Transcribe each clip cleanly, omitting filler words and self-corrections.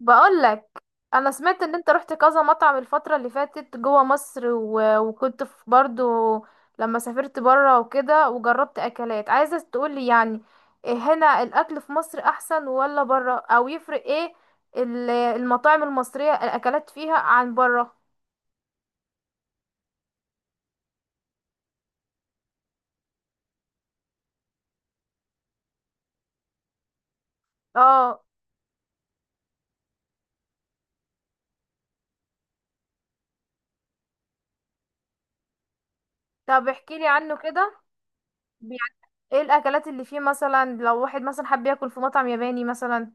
بقولك، انا سمعت ان انت رحت كذا مطعم الفترة اللي فاتت جوه مصر وكنت في برضو لما سافرت برا وكده وجربت اكلات، عايزة تقولي يعني إيه؟ هنا الاكل في مصر احسن ولا برا؟ او يفرق ايه المطاعم المصرية الاكلات فيها عن برا؟ اه، طب احكيلي عنه كده يعني. ايه الاكلات اللي فيه مثلا لو واحد مثلا حب ياكل في مطعم ياباني مثلا؟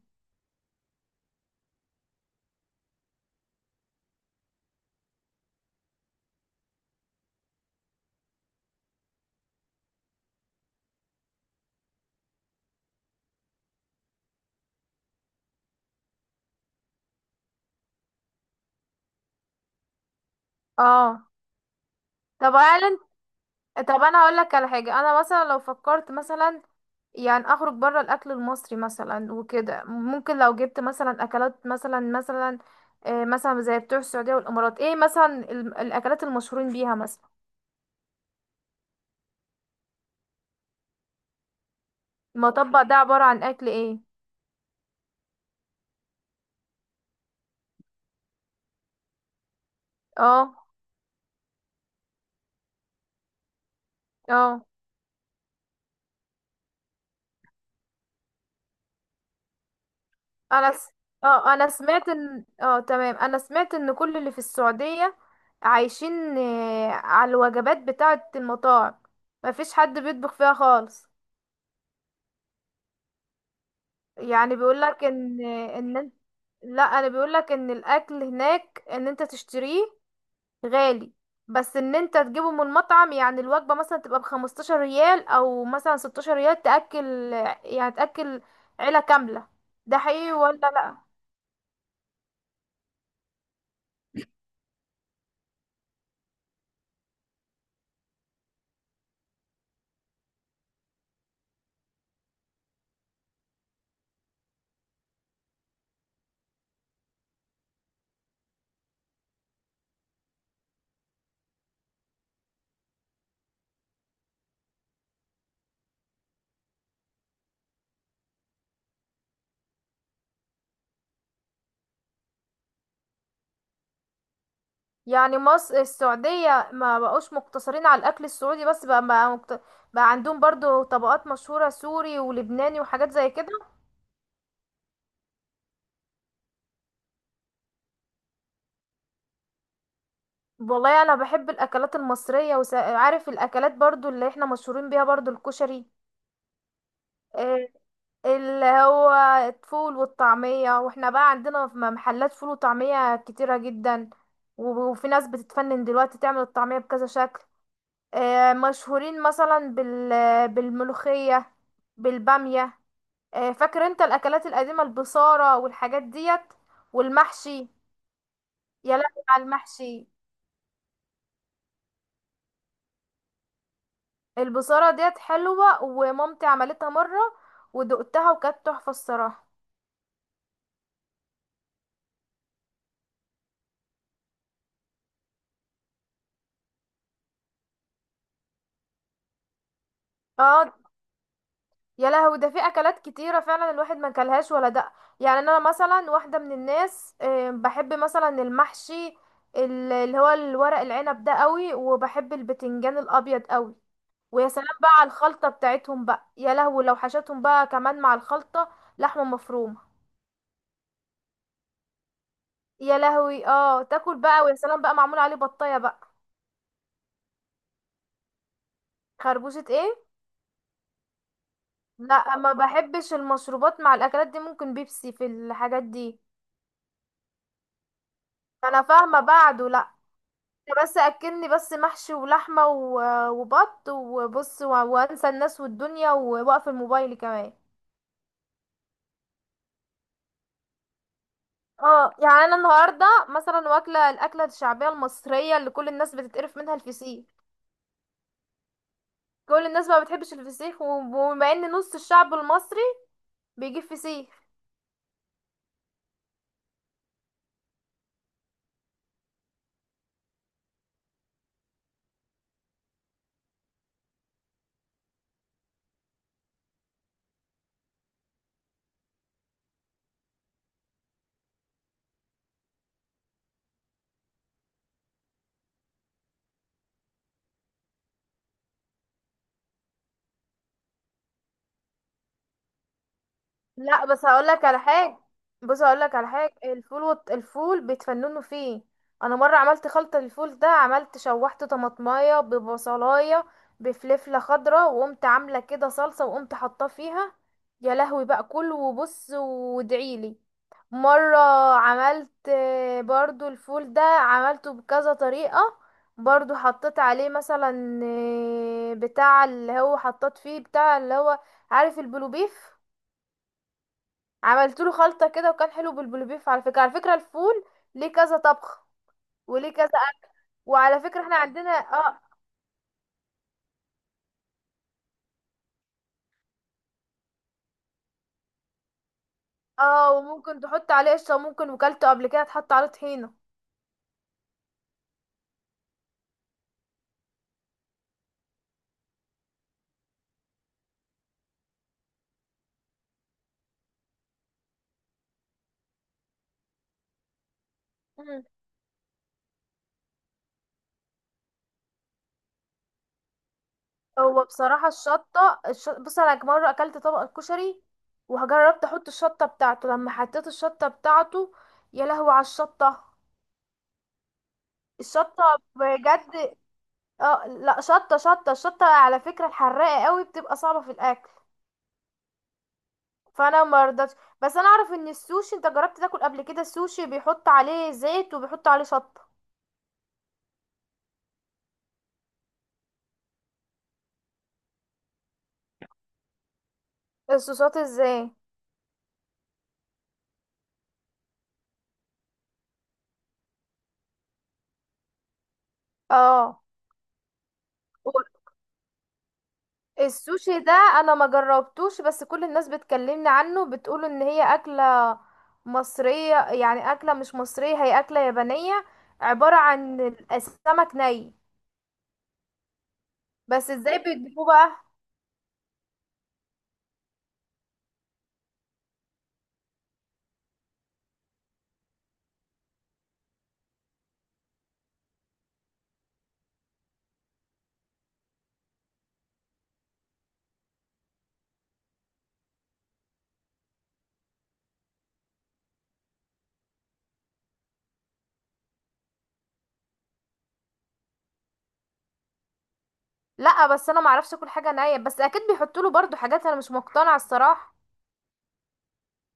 اه، طب هل طب انا هقول لك على حاجه، انا مثلا لو فكرت مثلا يعني اخرج بره الاكل المصري مثلا وكده، ممكن لو جبت مثلا اكلات مثلا مثلا زي بتوع السعوديه والامارات، ايه مثلا الاكلات المشهورين بيها مثلا؟ المطبق ده عباره عن اكل ايه؟ اه اه. انا س... اه انا سمعت ان تمام، انا سمعت ان كل اللي في السعوديه عايشين على الوجبات بتاعه المطاعم، مفيش حد بيطبخ فيها خالص. يعني بيقولك ان لا، انا بيقولك ان الاكل هناك ان انت تشتريه غالي، بس ان انت تجيبه من مطعم، يعني الوجبة مثلا تبقى بخمستاشر ريال او مثلا ستاشر ريال تأكل، يعني تأكل عيلة كاملة. ده حقيقي ولا لا؟ يعني مصر السعودية ما بقوش مقتصرين على الاكل السعودي بس، بقى عندهم برضو طبقات مشهورة سوري ولبناني وحاجات زي كده. والله انا بحب الاكلات المصريه، وعارف الاكلات برضو اللي احنا مشهورين بيها، برضو الكشري، آه، اللي هو الفول والطعميه، واحنا بقى عندنا في محلات فول وطعميه كتيره جدا، وفي ناس بتتفنن دلوقتي تعمل الطعميه بكذا شكل. مشهورين مثلا بال بالملوخيه، بالباميه، فاكر انت الاكلات القديمه؟ البصاره والحاجات ديت والمحشي. يا لهوي على المحشي! البصارة ديت حلوة ومامتي عملتها مرة ودقتها وكانت تحفة الصراحة. اه، يا لهوي، ده في اكلات كتيرة فعلا الواحد ما كلهاش ولا دق. يعني انا مثلا واحدة من الناس بحب مثلا المحشي، اللي هو الورق العنب ده قوي، وبحب البتنجان الابيض قوي. ويا سلام بقى على الخلطة بتاعتهم بقى! يا لهوي لو حشتهم بقى كمان مع الخلطة لحمة مفرومة! يا لهوي، اه، تاكل بقى، ويا سلام بقى معمول عليه بطاية بقى. خربوشة ايه؟ لا ما بحبش المشروبات مع الاكلات دي، ممكن بيبسي في الحاجات دي. فانا فاهمه، بعده لا. أنت بس اكلني بس محشي ولحمه وبط وبص وانسى الناس والدنيا، واقف الموبايل كمان. اه، يعني انا النهارده مثلا واكله الاكله الشعبيه المصريه اللي كل الناس بتتقرف منها، الفسيخ. كل الناس ما بتحبش الفسيخ، وبما ان نص الشعب المصري بيجيب فسيخ. لا بس هقول لك على حاجه، بص هقول لك على حاجه. الفول بيتفننوا فيه. انا مره عملت خلطه الفول ده، عملت شوحت طماطمايه ببصلايه بفلفله خضراء، وقمت عامله كده صلصه وقمت حاطاه فيها. يا لهوي بقى! كل وبص وادعيلي. مره عملت برضو الفول ده عملته بكذا طريقه. برضو حطيت عليه مثلا، بتاع اللي هو، حطيت فيه بتاع اللي هو، عارف البلوبيف؟ عملت له خلطه كده وكان حلو بالبلوبيف. على فكره، على فكره الفول ليه كذا طبخ وليه كذا أكل. وعلى فكره احنا عندنا اه. اه، وممكن تحط عليه قشطه، وممكن وكلته قبل كده تحط عليه طحينه. مم. هو بصراحه بص، انا مره اكلت طبق الكشري وجربت احط الشطه بتاعته، لما حطيت الشطه بتاعته يا لهوي على الشطه! الشطه، بجد، اه. لا شطه الشطه على فكره الحراقه قوي، بتبقى صعبه في الاكل، فانا مرضتش. بس انا اعرف ان السوشي، انت جربت تاكل قبل كده السوشي؟ بيحط عليه زيت، وبيحط عليه شطة. الصوصات ازاي؟ اه، السوشي ده انا ما جربتوش، بس كل الناس بتكلمني عنه بتقول ان هي اكلة مصرية، يعني اكلة مش مصرية، هي اكلة يابانية، عبارة عن السمك ني. بس ازاي بيجيبوه بقى؟ لا بس انا ما اعرفش اكل حاجة نية، بس اكيد بيحطوا له برضو حاجات، انا مش مقتنعة الصراحة.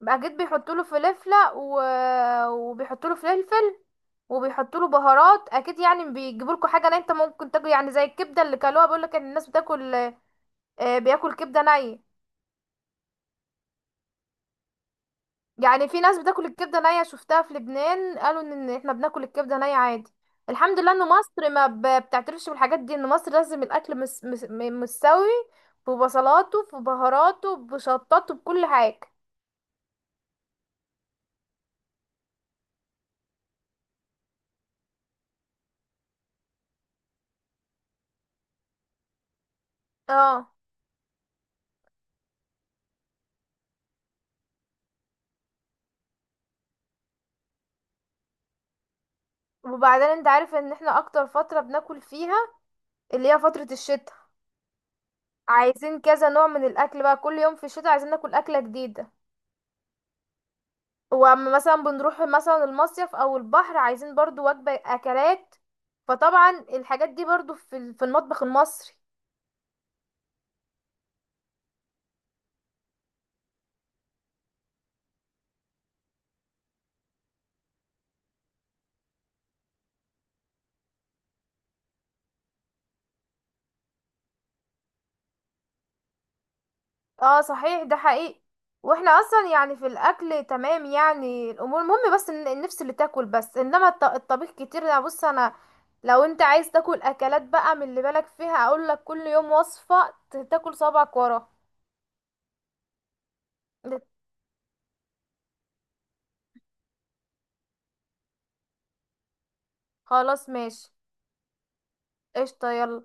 بقى جيت بيحطوا له وبيحطوا له فلفل وبيحطوا له بهارات اكيد، يعني بيجيبوا لكم حاجه نيه انت ممكن تاكل. يعني زي الكبده اللي كلوها، بيقول لك ان الناس بتاكل، بياكل كبده نيه. يعني في ناس بتاكل الكبده نيه، شفتها في لبنان، قالوا ان إن احنا بناكل الكبده نيه عادي. الحمد لله ان مصر ما ب- بتعترفش بالحاجات دي، ان مصر لازم الاكل مستوي، ببصلاته، ببهاراته، بشطاته، بكل حاجه. اه، وبعدين انت عارف ان احنا اكتر فتره بناكل فيها، اللي هي فترة الشتاء، عايزين كذا نوع من الأكل بقى، كل يوم في الشتاء عايزين ناكل أكلة جديدة. وأما مثلا بنروح مثلا المصيف أو البحر، عايزين برضو وجبة أكلات، فطبعا الحاجات دي برضو في في المطبخ المصري. اه صحيح، ده حقيقي. واحنا اصلا يعني في الاكل تمام يعني، الامور المهم بس ان النفس اللي تاكل، بس انما الطبيخ كتير. انا بص، انا لو انت عايز تاكل اكلات بقى من اللي بالك فيها، اقول لك كل يوم وصفة تاكل صابعك ورا. خلاص، ماشي. قشطة، يلا.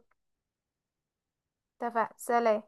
اتفق، سلام.